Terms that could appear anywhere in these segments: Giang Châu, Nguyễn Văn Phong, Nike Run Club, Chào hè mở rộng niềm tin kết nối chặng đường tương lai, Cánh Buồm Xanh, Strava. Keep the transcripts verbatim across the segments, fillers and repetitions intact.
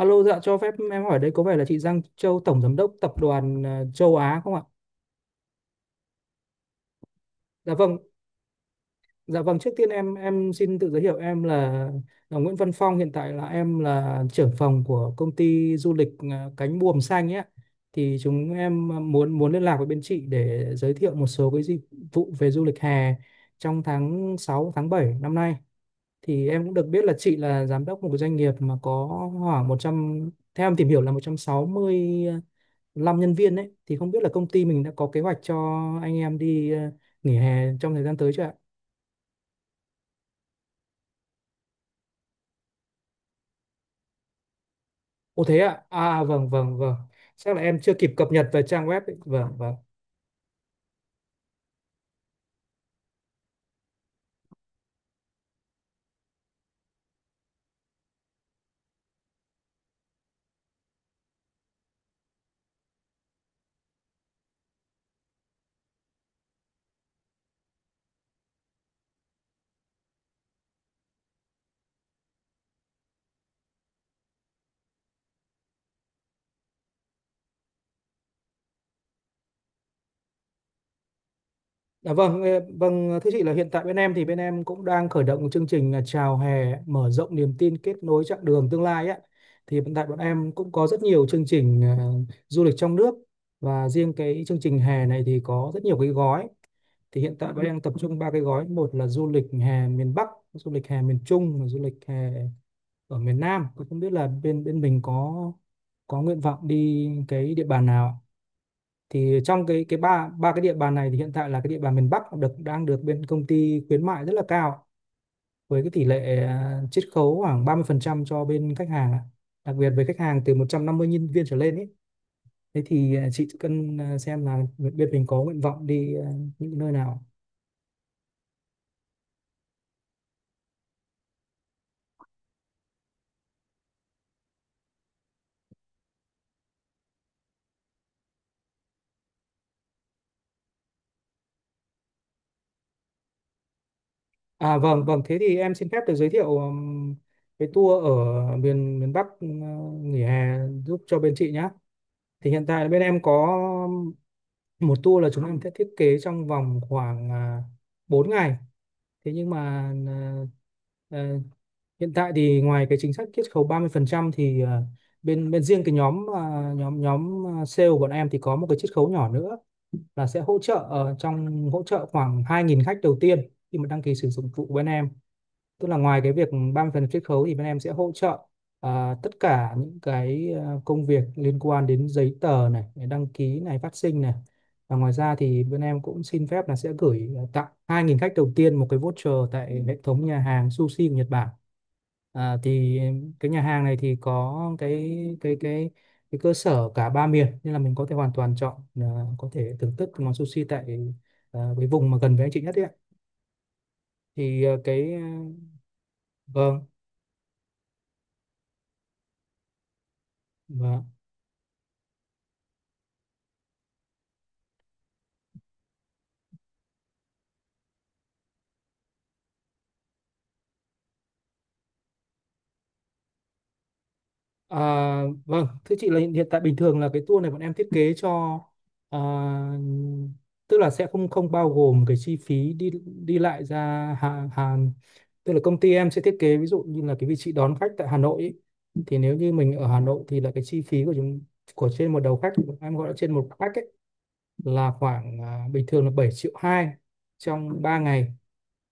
Alo, dạ cho phép em hỏi đây có vẻ là chị Giang Châu, Tổng Giám đốc Tập đoàn ờ, Châu Á không ạ? Dạ vâng, dạ vâng. Trước tiên em em xin tự giới thiệu em là, là Nguyễn Văn Phong. Hiện tại là em là trưởng phòng của công ty du lịch ờ, Cánh Buồm Xanh ấy ạ. Thì chúng em ờ, muốn muốn liên lạc với bên chị để giới thiệu một số cái dịch vụ về du lịch hè trong tháng sáu tháng bảy năm nay. Thì em cũng được biết là chị là giám đốc một cái doanh nghiệp mà có khoảng một trăm, theo em tìm hiểu là một trăm sáu mươi lăm nhân viên đấy, thì không biết là công ty mình đã có kế hoạch cho anh em đi ờ, nghỉ hè trong thời gian tới chưa ạ? Ồ thế ạ. À à, vâng vâng vâng. Chắc là em chưa kịp cập nhật về trang web ấy. Vâng vâng. Dạ vâng, ờ, vâng thưa chị là hiện tại bên em, thì bên em cũng đang khởi động chương trình là Chào hè mở rộng niềm tin kết nối chặng đường tương lai á. Thì hiện tại bọn em cũng có rất nhiều chương trình ờ, du lịch trong nước và riêng cái chương trình hè này thì có rất nhiều cái gói. Thì hiện tại bọn em tập trung ba cái gói, một là du lịch hè miền Bắc, du lịch hè miền Trung và du lịch hè ở miền Nam. Tôi không biết là bên bên mình có có nguyện vọng đi cái địa bàn nào ạ? Thì trong cái cái ba ba cái địa bàn này thì hiện tại là cái địa bàn miền Bắc được đang được bên công ty khuyến mại rất là cao với cái tỷ lệ à, chiết khấu khoảng ba mươi phần trăm cho bên khách hàng ạ. Đặc biệt với khách hàng từ một trăm năm mươi nhân viên trở lên ấy, thế thì à, chị cần à, xem là bên mình có nguyện vọng đi à, những nơi nào. À vâng vâng, thế thì em xin phép được giới thiệu ừm, cái tour ở miền miền Bắc ừ, nghỉ hè giúp cho bên chị nhá. Thì hiện tại là bên em có một tour là chúng em sẽ thiết kế trong vòng khoảng à, bốn ngày. Thế nhưng mà à, à, hiện tại thì ngoài cái chính sách chiết khấu ba mươi phần trăm thì à, bên bên riêng cái nhóm à, nhóm nhóm à, sale của bọn em thì có một cái chiết khấu nhỏ nữa là sẽ hỗ trợ ờ, trong hỗ trợ khoảng hai nghìn khách đầu tiên khi mà đăng ký sử dụng dịch vụ bên em. Tức là ngoài cái việc ba mươi phần trăm chiết khấu thì bên em sẽ hỗ trợ à, tất cả những cái à, công việc liên quan đến giấy tờ này, đăng ký này, phát sinh này. Và ngoài ra thì bên em cũng xin phép là sẽ gửi à, tặng hai nghìn khách đầu tiên một cái voucher tại hệ thống nhà hàng sushi của Nhật Bản. À, thì cái nhà hàng này thì có cái cái cái cái cơ sở cả ba miền nên là mình có thể hoàn toàn chọn à, có thể thưởng thức món sushi tại à, cái vùng mà gần với anh chị nhất ấy ạ. Thì à, cái ờ, vâng vâng. À, vâng, thưa chị là hiện hiện tại bình thường là cái tour này bọn em thiết kế cho à, tức là sẽ không không bao gồm cái chi phí đi đi lại ra Hà, Hà, tức là công ty em sẽ thiết kế ví dụ như là cái vị trí đón khách tại Hà Nội ý, thì nếu như mình ở Hà Nội thì là cái chi phí của chúng, của trên một đầu khách, em gọi là trên một khách ấy, là khoảng à, bình thường là bảy triệu hai trong ba ngày.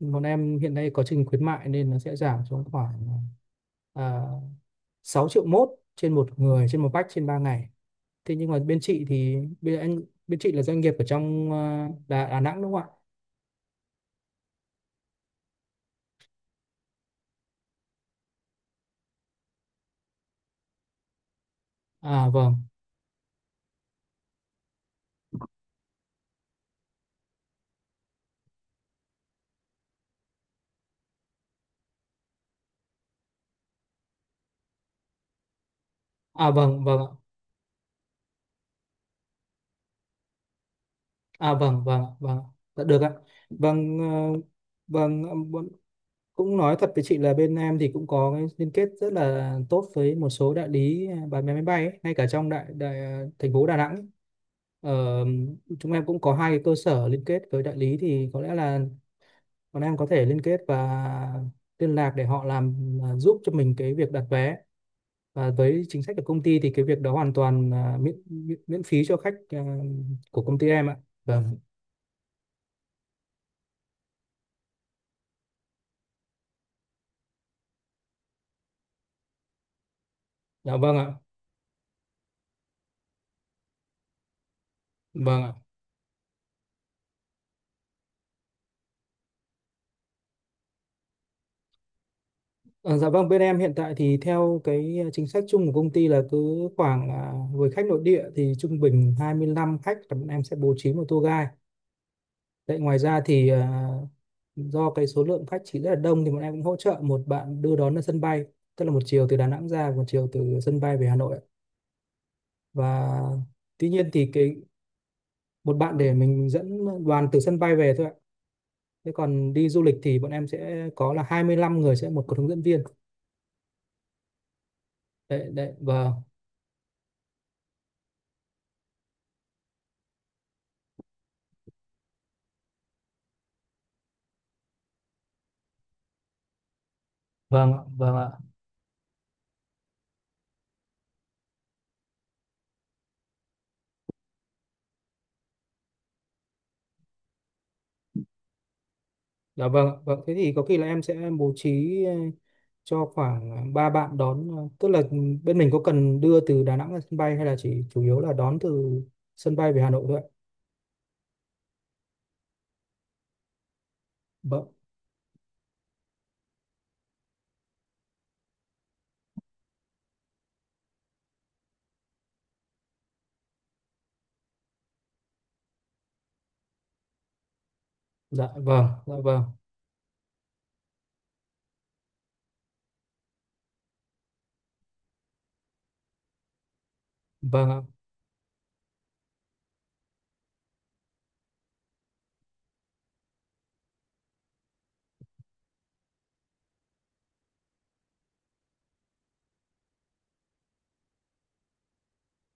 Bọn em hiện nay có chương trình khuyến mại nên nó sẽ giảm xuống khoảng à, sáu triệu mốt trên một người trên một bách trên ba ngày. Thế nhưng mà bên chị thì bên anh, bên chị là doanh nghiệp ở trong ờ, Đà, Đà Nẵng đúng không ạ? À vâng. À vâng vâng ạ. À vâng vâng ạ, vâng. Dạ, được ạ. Vâng ờ, vâng ờ, bọn- cũng nói thật với chị là bên em thì cũng có cái liên kết rất là tốt với một số đại lý ờ, bán vé máy bay ấy, ngay cả trong đại, đại ờ, thành phố Đà Nẵng ấy. Ờ, chúng em cũng có hai cái cơ sở liên kết với đại lý thì có lẽ là bọn em có thể liên kết và liên lạc để họ làm à, giúp cho mình cái việc đặt vé, và với chính sách của công ty thì cái việc đó hoàn toàn à, miễn, miễn miễn phí cho khách à, của công ty em ạ. Vâng. Dạ vâng ạ. Vâng ạ. Ờ, dạ vâng, bên em hiện tại thì theo cái à, chính sách chung của công ty là cứ khoảng à, với khách nội địa thì trung bình hai mươi lăm khách là bọn em sẽ bố trí một tour guide. Đấy, ngoài ra thì à, do cái số lượng khách chỉ rất là đông thì bọn em cũng hỗ trợ một bạn đưa đón ở sân bay, tức là một chiều từ Đà Nẵng ra, một chiều từ sân bay về Hà Nội ạ. Và tuy nhiên thì cái, một bạn để mình dẫn đoàn từ sân bay về thôi ạ. Thế còn đi du lịch thì bọn em sẽ có là hai mươi lăm người sẽ một có hướng dẫn viên. Đấy đấy vâng. Vâng ạ, vâng ạ. Dạ vâng ạ, vâng thế thì có khi là em sẽ bố trí ờ, cho khoảng ba bạn đón ờ, tức là bên mình có cần đưa từ Đà Nẵng ra sân bay hay là chỉ chủ yếu là đón từ sân bay về Hà Nội thôi ạ? Vâng. Dạ vâng, dạ vâng, vâng ạ.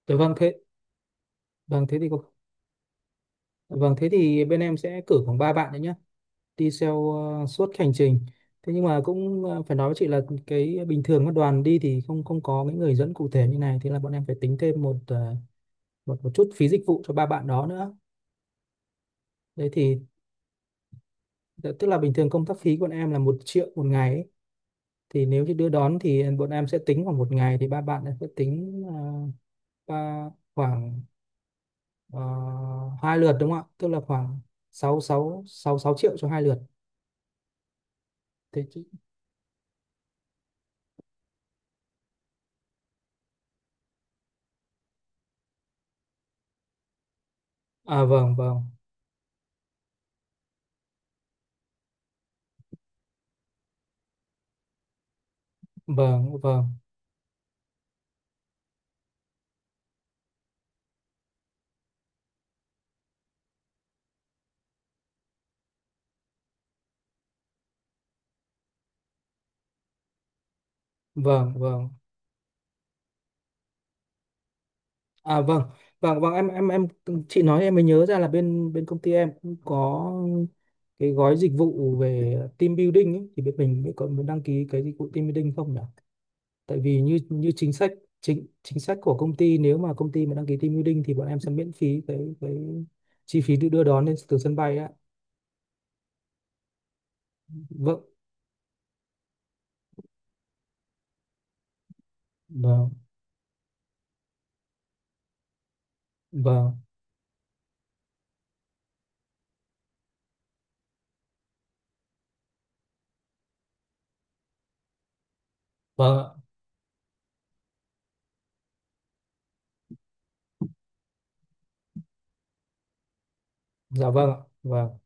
Dạ vâng thế, vâng thế thì có- vâng thế thì bên em sẽ cử khoảng ba bạn đấy nhá, đi theo ờ, suốt hành trình. Thế nhưng mà cũng ờ, phải nói với chị là cái bình thường các đoàn đi thì không không có cái người dẫn cụ thể như này, thế là bọn em phải tính thêm một ờ, một một chút phí dịch vụ cho ba bạn đó nữa. Đấy thì dạ, tức là bình thường công tác phí của bọn em là một triệu một ngày ấy. Thì nếu như đưa đón thì bọn em sẽ tính khoảng một ngày, thì ba bạn sẽ tính uh, Ờ, hai lượt đúng không ạ? Tức là khoảng sáu sáu sáu sáu triệu cho hai lượt. Thế chứ. À vâng vâng. Vâng vâng. Vâng vâng. À vâng. Vâng vâng, em em em chị nói em mới nhớ ra là bên bên công ty em cũng có cái gói dịch vụ về team building ấy, thì bên mình mới có muốn đăng ký cái dịch vụ team building không nhỉ? Tại vì như như chính sách, chính chính sách của công ty nếu mà công ty mà đăng ký team building thì bọn em sẽ miễn phí cái cái chi phí đưa đưa đón lên từ sân bay á. Vâng. Vâng. Vâng. Vâng ạ, dạ vâng ạ, vâng,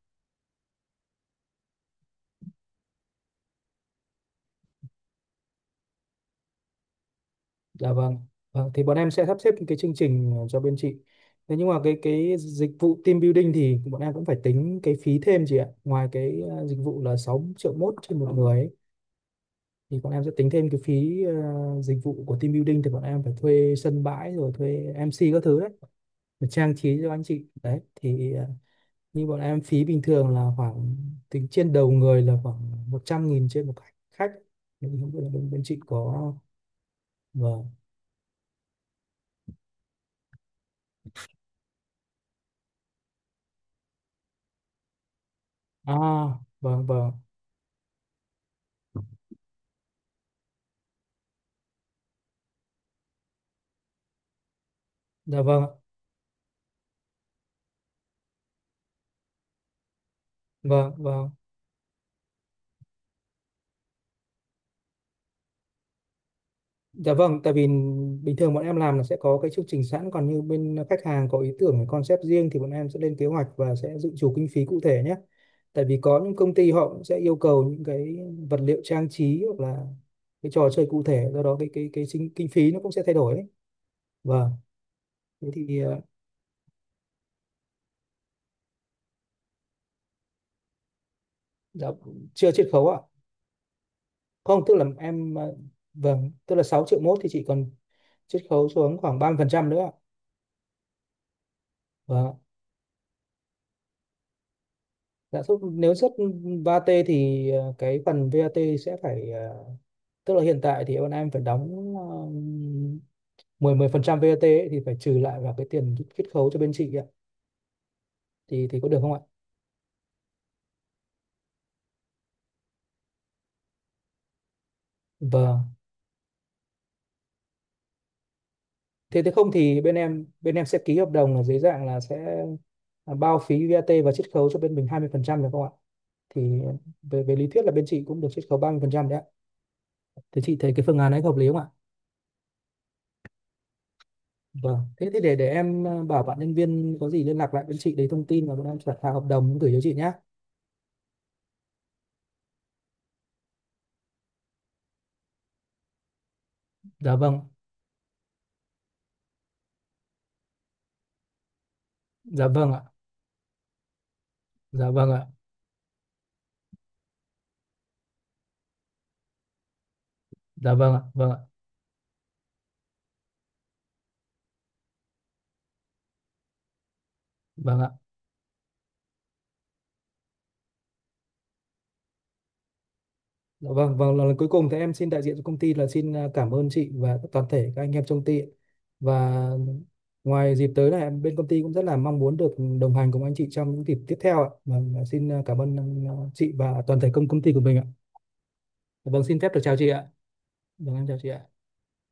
dạ vâng. Vâng, thì bọn em sẽ sắp xếp cái chương trình cho bên chị. Thế nhưng mà cái cái dịch vụ team building thì bọn em cũng phải tính cái phí thêm chị ạ. Ngoài cái ờ, dịch vụ là sáu triệu mốt trên một người ấy, thì bọn em sẽ tính thêm cái phí ờ, dịch vụ của team building thì bọn em phải thuê sân bãi rồi thuê em xê các thứ đấy, để trang trí cho anh chị. Đấy, thì ờ, như bọn em phí bình thường là khoảng tính trên đầu người là khoảng một trăm nghìn trên một khách. Thì không biết là bên, bên chị có và. À, vâng vâng, dạ vâng, vâng vâng, dạ vâng. Tại vì bình thường bọn em làm là sẽ có cái chương trình sẵn, còn như bên khách hàng có ý tưởng, cái concept riêng thì bọn em sẽ lên kế hoạch và sẽ dự trù kinh phí cụ thể nhé. Tại vì có những công ty họ cũng sẽ yêu cầu những cái vật liệu trang trí hoặc là cái trò chơi cụ thể, do đó cái cái cái chính, kinh phí nó cũng sẽ thay đổi ấy. Vâng, thế thì ờ, dạ, chưa chiết khấu ạ? Không, tức là em ờ, vâng, tức là sáu triệu mốt thì chị còn chiết khấu xuống khoảng ba mươi phần trăm nữa ạ. Vâng ạ. Lãi suất nếu xuất vát thì ờ, cái phần vát sẽ phải ờ, tức là hiện tại thì bọn em phải đóng ờ, 10 mười phần trăm vát ấy, thì phải trừ lại vào cái tiền chiết khấu cho bên chị ạ. Thì thì có được không ạ? Vâng. Thế thế không thì bên em bên em sẽ ký hợp đồng là dưới dạng là sẽ ờ, bao phí vát và chiết khấu cho bên mình hai mươi phần trăm được không ạ? Thì ờ, về về lý thuyết là bên chị cũng được chiết khấu ba mươi phần trăm đấy ạ. Thế chị thấy cái phương án ấy hợp lý không ạ? Vâng, thế thì để để em ờ, bảo bạn nhân viên có gì liên lạc lại với chị lấy thông tin và bọn em soạn thảo hợp đồng gửi cho chị nhé. Dạ vâng, dạ vâng ạ, dạ vâng ạ, dạ vâng ạ, vâng ạ, vâng ạ. Dạ vâng, vâng, lần cuối cùng thì em xin đại diện cho công ty là xin ờ, cảm ơn chị và toàn thể các anh em trong công ty. Và ngoài dịp tới này em bên công ty cũng rất là mong muốn được đồng hành cùng anh chị trong những dịp tiếp theo ạ. Vâng, xin ờ, cảm ơn ờ, chị và toàn thể công công ty của mình ạ. Dạ vâng, xin phép được chào chị ạ. Dạ vâng, em chào chị ạ.